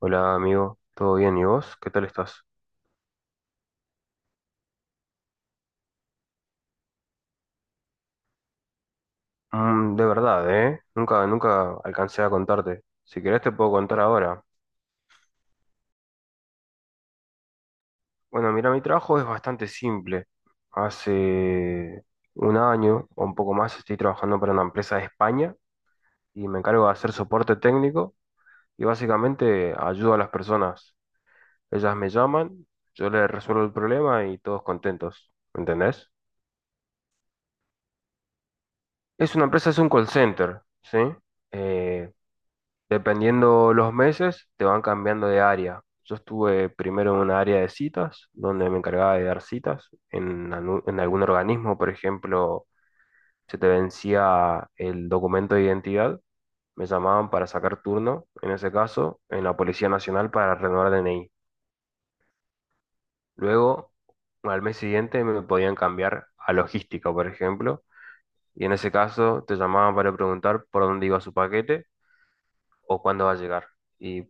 Hola amigo, ¿todo bien? ¿Y vos? ¿Qué tal estás? De verdad, ¿eh? Nunca alcancé a contarte. Si querés te puedo contar ahora. Bueno, mira, mi trabajo es bastante simple. Hace un año o un poco más estoy trabajando para una empresa de España y me encargo de hacer soporte técnico y básicamente ayudo a las personas. Ellas me llaman, yo les resuelvo el problema y todos contentos. ¿Me entendés? Es una empresa, es un call center, ¿sí? Eh, Dependiendo los meses, te van cambiando de área. Yo estuve primero en una área de citas, donde me encargaba de dar citas en algún organismo, por ejemplo, se te vencía el documento de identidad, me llamaban para sacar turno, en ese caso, en la Policía Nacional para renovar DNI. Luego, al mes siguiente me podían cambiar a logística, por ejemplo, y en ese caso te llamaban para preguntar por dónde iba su paquete o cuándo va a llegar. Y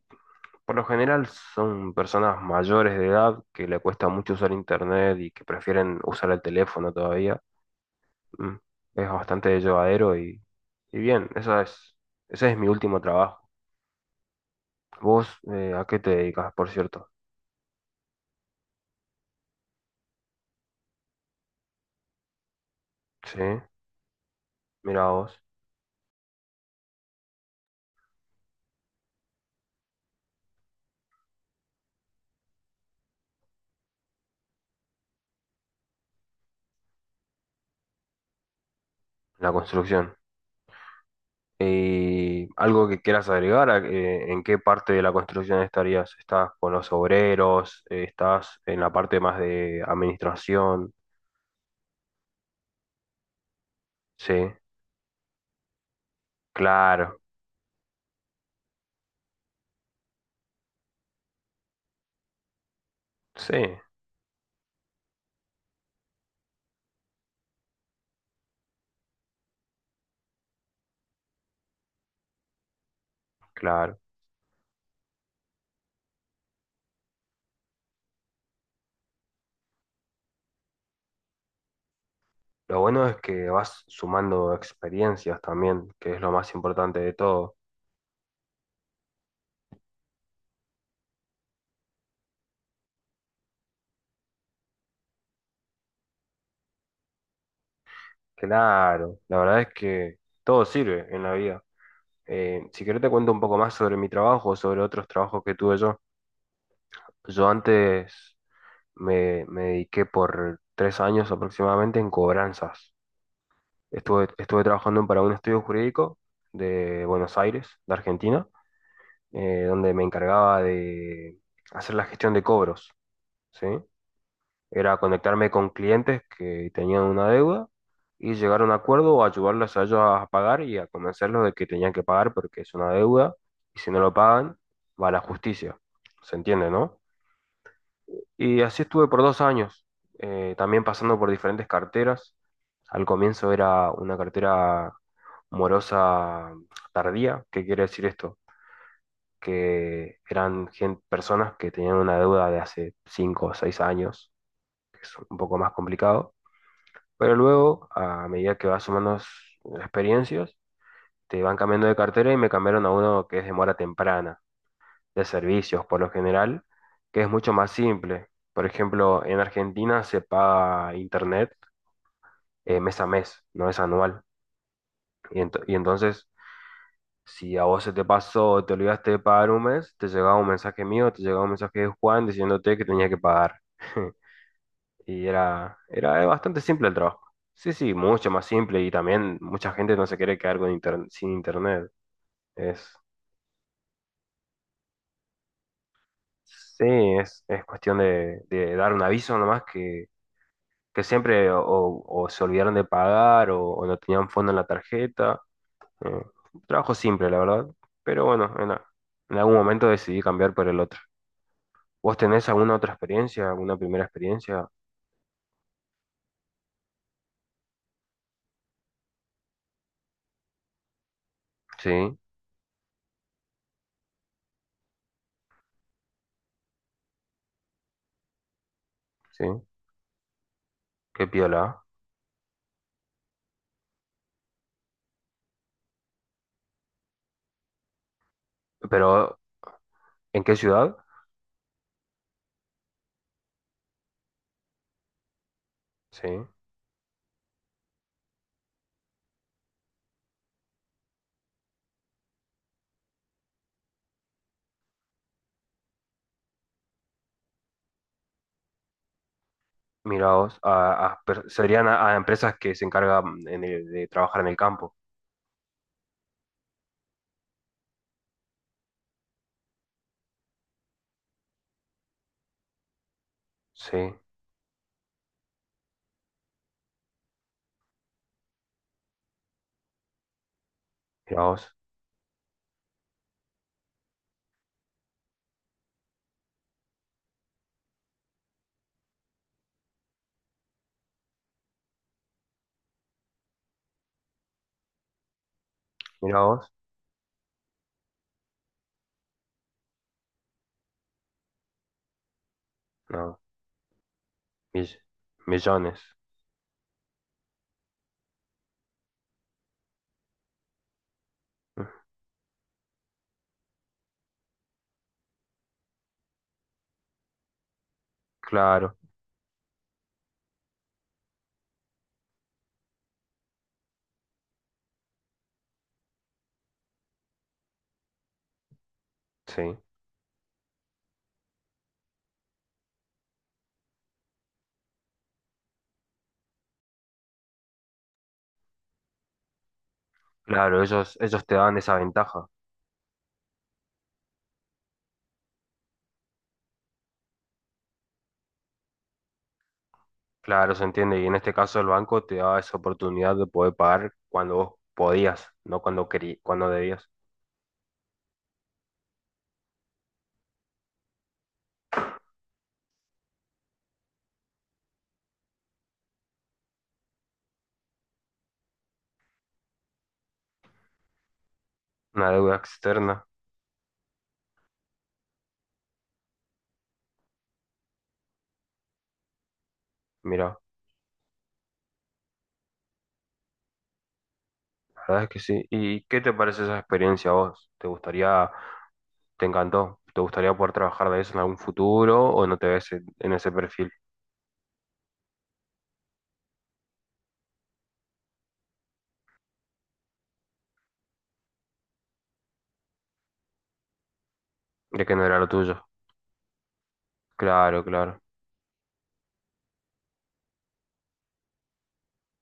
por lo general son personas mayores de edad que le cuesta mucho usar internet y que prefieren usar el teléfono todavía. Mm, Es bastante llevadero y bien, ese es mi último trabajo. ¿Vos a qué te dedicas, por cierto? Sí, mira vos, la construcción. ¿Y algo que quieras agregar? ¿En qué parte de la construcción estarías? ¿Estás con los obreros? ¿Estás en la parte más de administración? Sí, claro, sí, claro. Lo bueno es que vas sumando experiencias también, que es lo más importante de todo. Claro, la verdad es que todo sirve en la vida. Si querés te cuento un poco más sobre mi trabajo, sobre otros trabajos que tuve yo. Yo antes me dediqué por 3 años aproximadamente en cobranzas. Estuve trabajando para un estudio jurídico de Buenos Aires, de Argentina, donde me encargaba de hacer la gestión de cobros, ¿sí? Era conectarme con clientes que tenían una deuda y llegar a un acuerdo o ayudarlos a ellos a pagar y a convencerlos de que tenían que pagar porque es una deuda y si no lo pagan va a la justicia. ¿Se entiende, no? Y así estuve por 2 años, también pasando por diferentes carteras. Al comienzo era una cartera morosa tardía. ¿Qué quiere decir esto? Que eran personas que tenían una deuda de hace 5 o 6 años, que es un poco más complicado. Pero luego, a medida que vas sumando experiencias, te van cambiando de cartera y me cambiaron a uno que es de mora temprana, de servicios por lo general, que es mucho más simple. Por ejemplo, en Argentina se paga internet mes a mes, no es anual. Y entonces, si a vos se te pasó o te olvidaste de pagar un mes, te llegaba un mensaje mío, te llegaba un mensaje de Juan diciéndote que tenías que pagar. Y era bastante simple el trabajo. Sí, sí, mucho más simple y también mucha gente no se quiere quedar con sin internet. Es, sí, es cuestión de dar un aviso nomás que siempre o se olvidaron de pagar o no tenían fondo en la tarjeta. Eh, Trabajo simple, la verdad. Pero bueno, en algún momento decidí cambiar por el otro. ¿Vos tenés alguna otra experiencia, alguna primera experiencia? Sí, sí, qué piola. Pero, ¿en qué ciudad? Sí. Mira vos, serían a empresas que se encargan de trabajar en el campo. Sí, mira vos, mira vos. No, mill- millones. Mm, Claro, sí. Claro, ellos te dan esa ventaja. Claro, se entiende. Y en este caso el banco te da esa oportunidad de poder pagar cuando vos podías, no cuando cuando debías. Una deuda externa. Mira, la verdad es que sí. ¿Y qué te parece esa experiencia a vos? ¿Te gustaría? ¿Te encantó? ¿Te gustaría poder trabajar de eso en algún futuro o no te ves en ese perfil? De que no era lo tuyo. Claro, claro.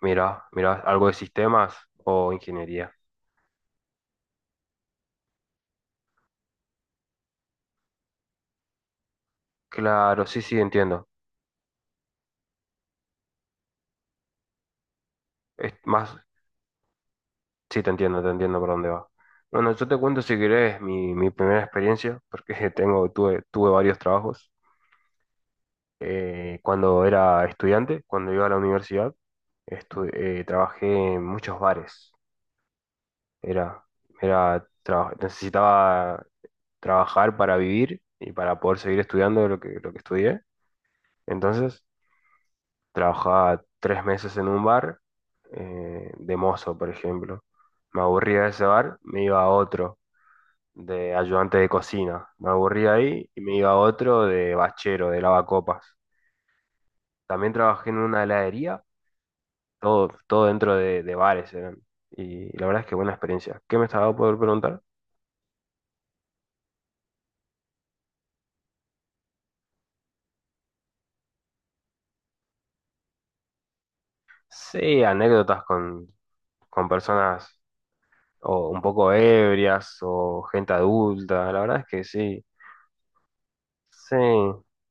Mira, mira, algo de sistemas o ingeniería. Claro, sí, sí, entiendo. Es más, sí, te entiendo por dónde va. Bueno, yo te cuento si querés mi primera experiencia, porque tengo, tuve varios trabajos. Cuando era estudiante, cuando iba a la universidad, trabajé en muchos bares. Era, Necesitaba trabajar para vivir y para poder seguir estudiando lo que estudié. Entonces, trabajaba 3 meses en un bar, de mozo, por ejemplo. Me aburría de ese bar, me iba a otro, de ayudante de cocina. Me aburría ahí y me iba a otro de bachero, de lavacopas. También trabajé en una heladería, todo dentro de bares eran. Y la verdad es que buena experiencia. ¿Qué me estaba por preguntar? Sí, anécdotas con personas o un poco ebrias o gente adulta. La verdad es que sí, sí, la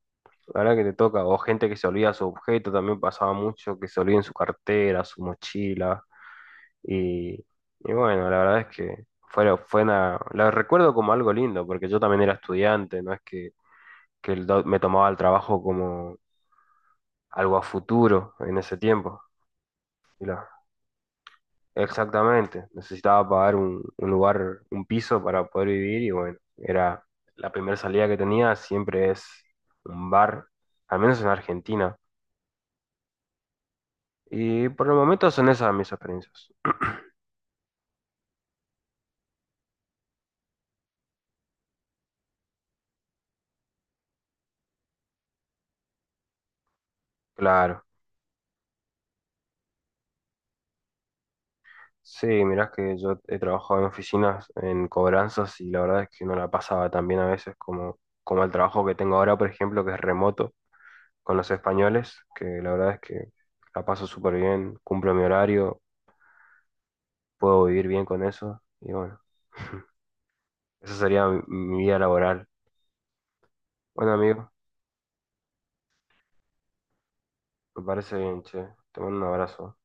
verdad que te toca. O gente que se olvida su objeto, también pasaba mucho que se olviden su cartera, su mochila. Y, y bueno, la verdad es que fue la recuerdo como algo lindo, porque yo también era estudiante, no es que, me tomaba el trabajo como algo a futuro en ese tiempo. Y la, Exactamente, necesitaba pagar un lugar, un piso para poder vivir y bueno, era la primera salida que tenía, siempre es un bar, al menos en Argentina. Y por el momento son esas mis experiencias. Claro, sí, mirás que yo he trabajado en oficinas, en cobranzas y la verdad es que no la pasaba tan bien a veces como el trabajo que tengo ahora, por ejemplo, que es remoto con los españoles, que la verdad es que la paso súper bien, cumplo mi horario, puedo vivir bien con eso y bueno. Esa sería mi vida laboral. Bueno, amigo, me parece bien, che. Te mando un abrazo.